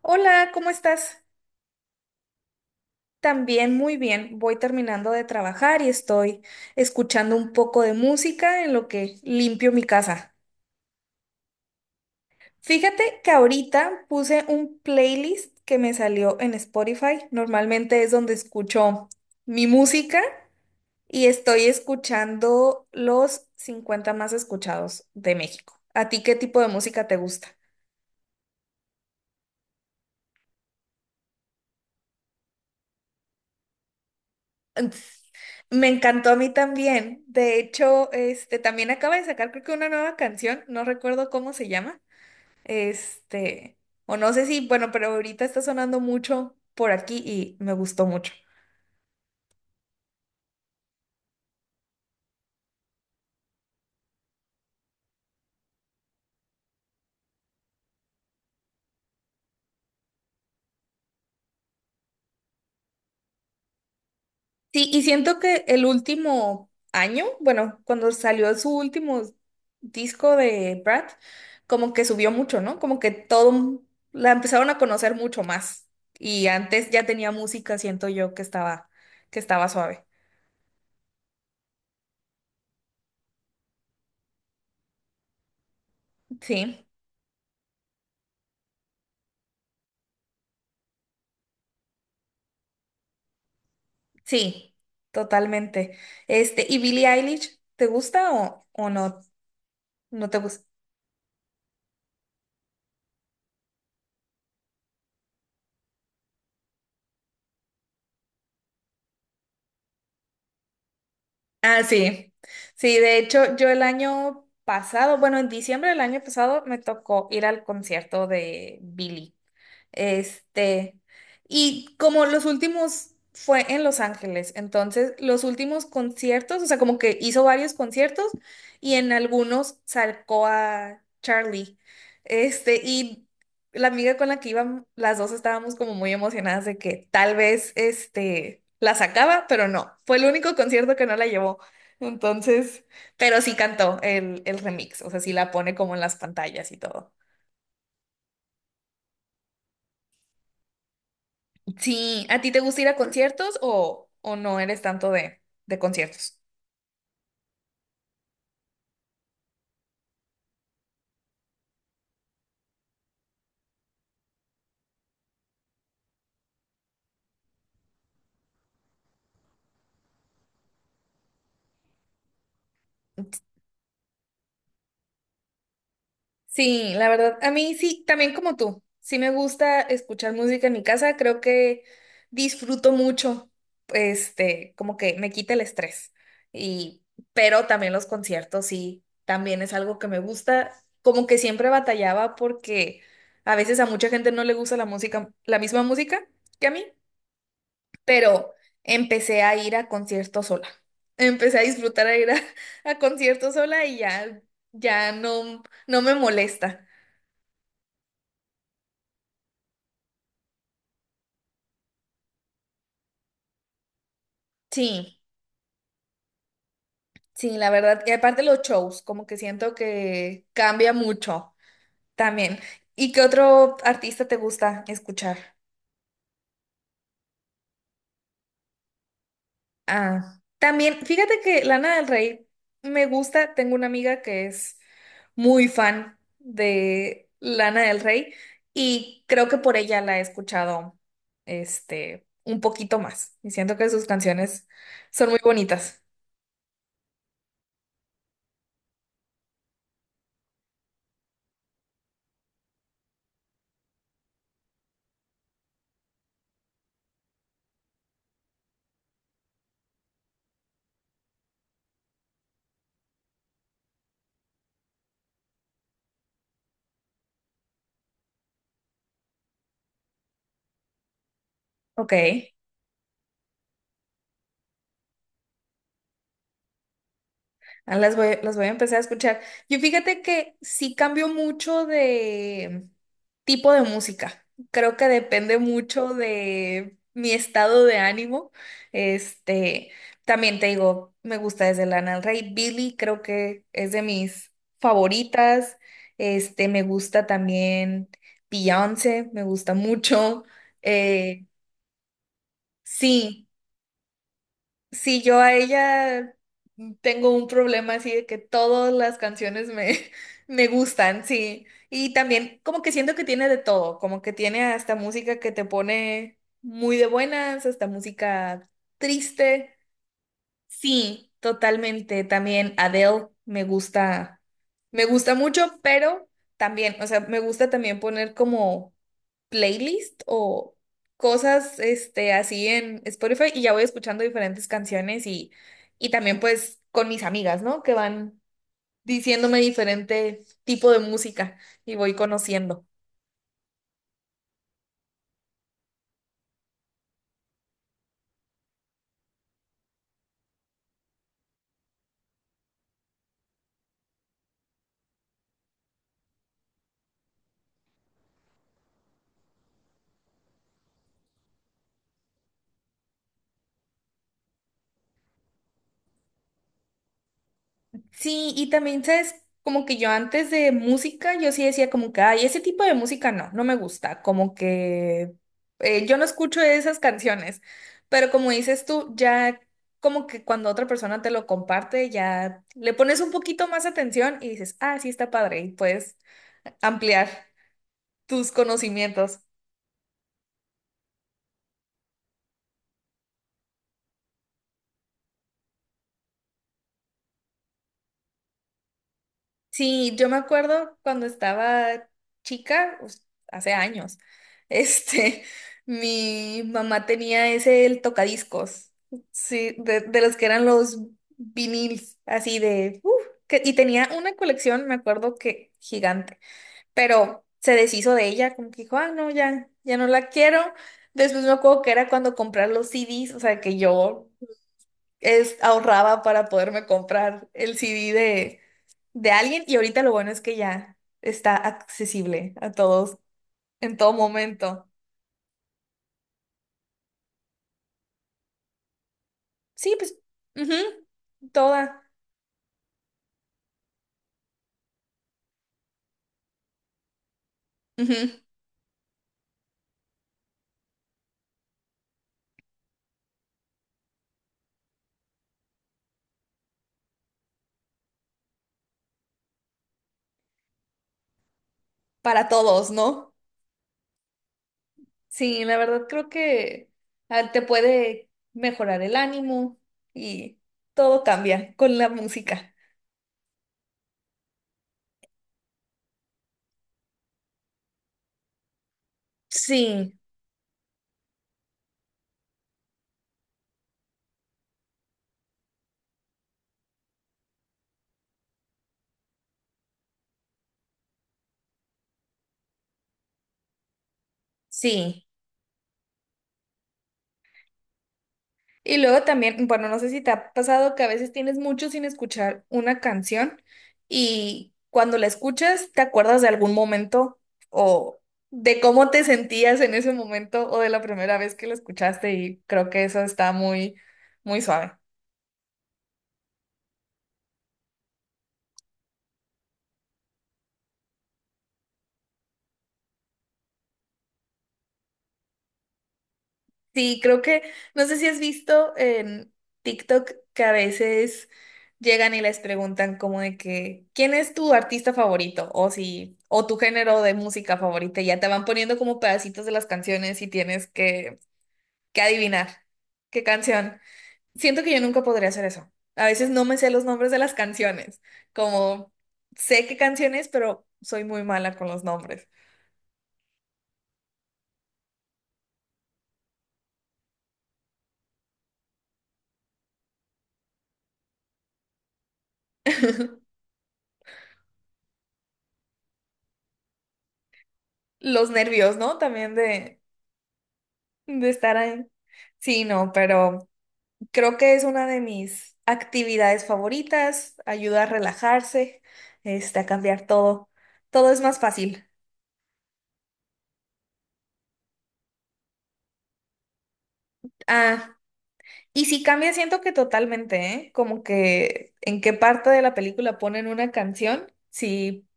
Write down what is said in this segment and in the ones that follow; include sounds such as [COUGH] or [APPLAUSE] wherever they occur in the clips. Hola, ¿cómo estás? También muy bien. Voy terminando de trabajar y estoy escuchando un poco de música en lo que limpio mi casa. Fíjate que ahorita puse un playlist que me salió en Spotify. Normalmente es donde escucho mi música y estoy escuchando los 50 más escuchados de México. ¿A ti qué tipo de música te gusta? Me encantó a mí también. De hecho, este también acaba de sacar creo que una nueva canción, no recuerdo cómo se llama. Este, o no sé si, bueno, pero ahorita está sonando mucho por aquí y me gustó mucho. Sí, y siento que el último año, bueno, cuando salió su último disco de Brad, como que subió mucho, ¿no? Como que todo la empezaron a conocer mucho más. Y antes ya tenía música, siento yo, que estaba suave. Sí. Sí, totalmente. Este, ¿y Billie Eilish te gusta o no? ¿No te gusta? Ah, sí. Sí, de hecho, yo el año pasado, bueno, en diciembre del año pasado me tocó ir al concierto de Billie. Este, y como los últimos fue en Los Ángeles, entonces los últimos conciertos, o sea, como que hizo varios conciertos y en algunos sacó a Charlie. Este, y la amiga con la que iban, las dos estábamos como muy emocionadas de que tal vez este la sacaba, pero no, fue el único concierto que no la llevó. Entonces, pero sí cantó el remix, o sea, sí la pone como en las pantallas y todo. Sí, ¿a ti te gusta ir a conciertos o no eres tanto de conciertos? Sí, la verdad, a mí sí, también como tú. Sí me gusta escuchar música en mi casa, creo que disfruto mucho, este, como que me quita el estrés. Y, pero también los conciertos sí, también es algo que me gusta. Como que siempre batallaba porque a veces a mucha gente no le gusta la música, la misma música que a mí. Pero empecé a ir a conciertos sola. Empecé a disfrutar a ir a, [LAUGHS] a conciertos sola y ya, ya no, no me molesta. Sí, sí, la verdad. Y aparte los shows, como que siento que cambia mucho también. ¿Y qué otro artista te gusta escuchar? Ah, también, fíjate que Lana del Rey me gusta, tengo una amiga que es muy fan de Lana del Rey y creo que por ella la he escuchado este un poquito más y siento que sus canciones son muy bonitas. Ok. Ah, Las voy a empezar a escuchar. Yo fíjate que sí cambio mucho de tipo de música. Creo que depende mucho de mi estado de ánimo. Este, también te digo, me gusta desde Lana del Rey. Billie creo que es de mis favoritas. Este, me gusta también Beyoncé, me gusta mucho. Eh, sí. Sí, yo a ella tengo un problema así de que todas las canciones me, [LAUGHS] me gustan, sí. Y también como que siento que tiene de todo, como que tiene hasta música que te pone muy de buenas, hasta música triste. Sí, totalmente. También Adele me gusta mucho, pero también, o sea, me gusta también poner como playlist o cosas este, así en Spotify y ya voy escuchando diferentes canciones y también pues con mis amigas, ¿no? Que van diciéndome diferente tipo de música y voy conociendo. Sí, y también, ¿sabes? Como que yo antes de música, yo sí decía como que, ay, ese tipo de música no, no me gusta, como que yo no escucho esas canciones, pero como dices tú, ya como que cuando otra persona te lo comparte, ya le pones un poquito más atención y dices, ah, sí está padre, y puedes ampliar tus conocimientos. Sí, yo me acuerdo cuando estaba chica, hace años, este, [LAUGHS] mi mamá tenía ese el tocadiscos, sí, de los que eran los viniles, así de, uf, y tenía una colección, me acuerdo que gigante, pero se deshizo de ella, como que dijo, ah, no, ya, ya no la quiero. Después me acuerdo que era cuando comprar los CDs, o sea, que yo es, ahorraba para poderme comprar el CD de alguien y ahorita lo bueno es que ya está accesible a todos en todo momento. Sí, pues, ujú, toda, ujú, para todos, ¿no? Sí, la verdad creo que ah, te puede mejorar el ánimo y todo cambia con la música. Sí, sí. Y luego también, bueno, no sé si te ha pasado que a veces tienes mucho sin escuchar una canción y cuando la escuchas te acuerdas de algún momento o de cómo te sentías en ese momento o de la primera vez que la escuchaste y creo que eso está muy, muy suave. Sí, creo que, no sé si has visto en TikTok que a veces llegan y les preguntan como de que, ¿quién es tu artista favorito? O si, o tu género de música favorita, y ya te van poniendo como pedacitos de las canciones y tienes que adivinar qué canción. Siento que yo nunca podría hacer eso. A veces no me sé los nombres de las canciones, como sé qué canciones, pero soy muy mala con los nombres. [LAUGHS] Los nervios, ¿no? También de estar ahí. Sí, no, pero creo que es una de mis actividades favoritas, ayuda a relajarse, este, a cambiar todo. Todo es más fácil. Ah, y si cambia, siento que totalmente, ¿eh? Como que en qué parte de la película ponen una canción, sí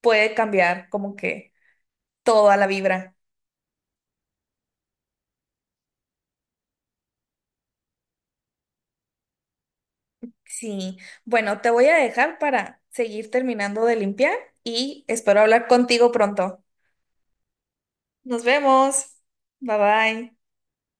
puede cambiar como que toda la vibra. Sí, bueno, te voy a dejar para seguir terminando de limpiar y espero hablar contigo pronto. Nos vemos. Bye bye.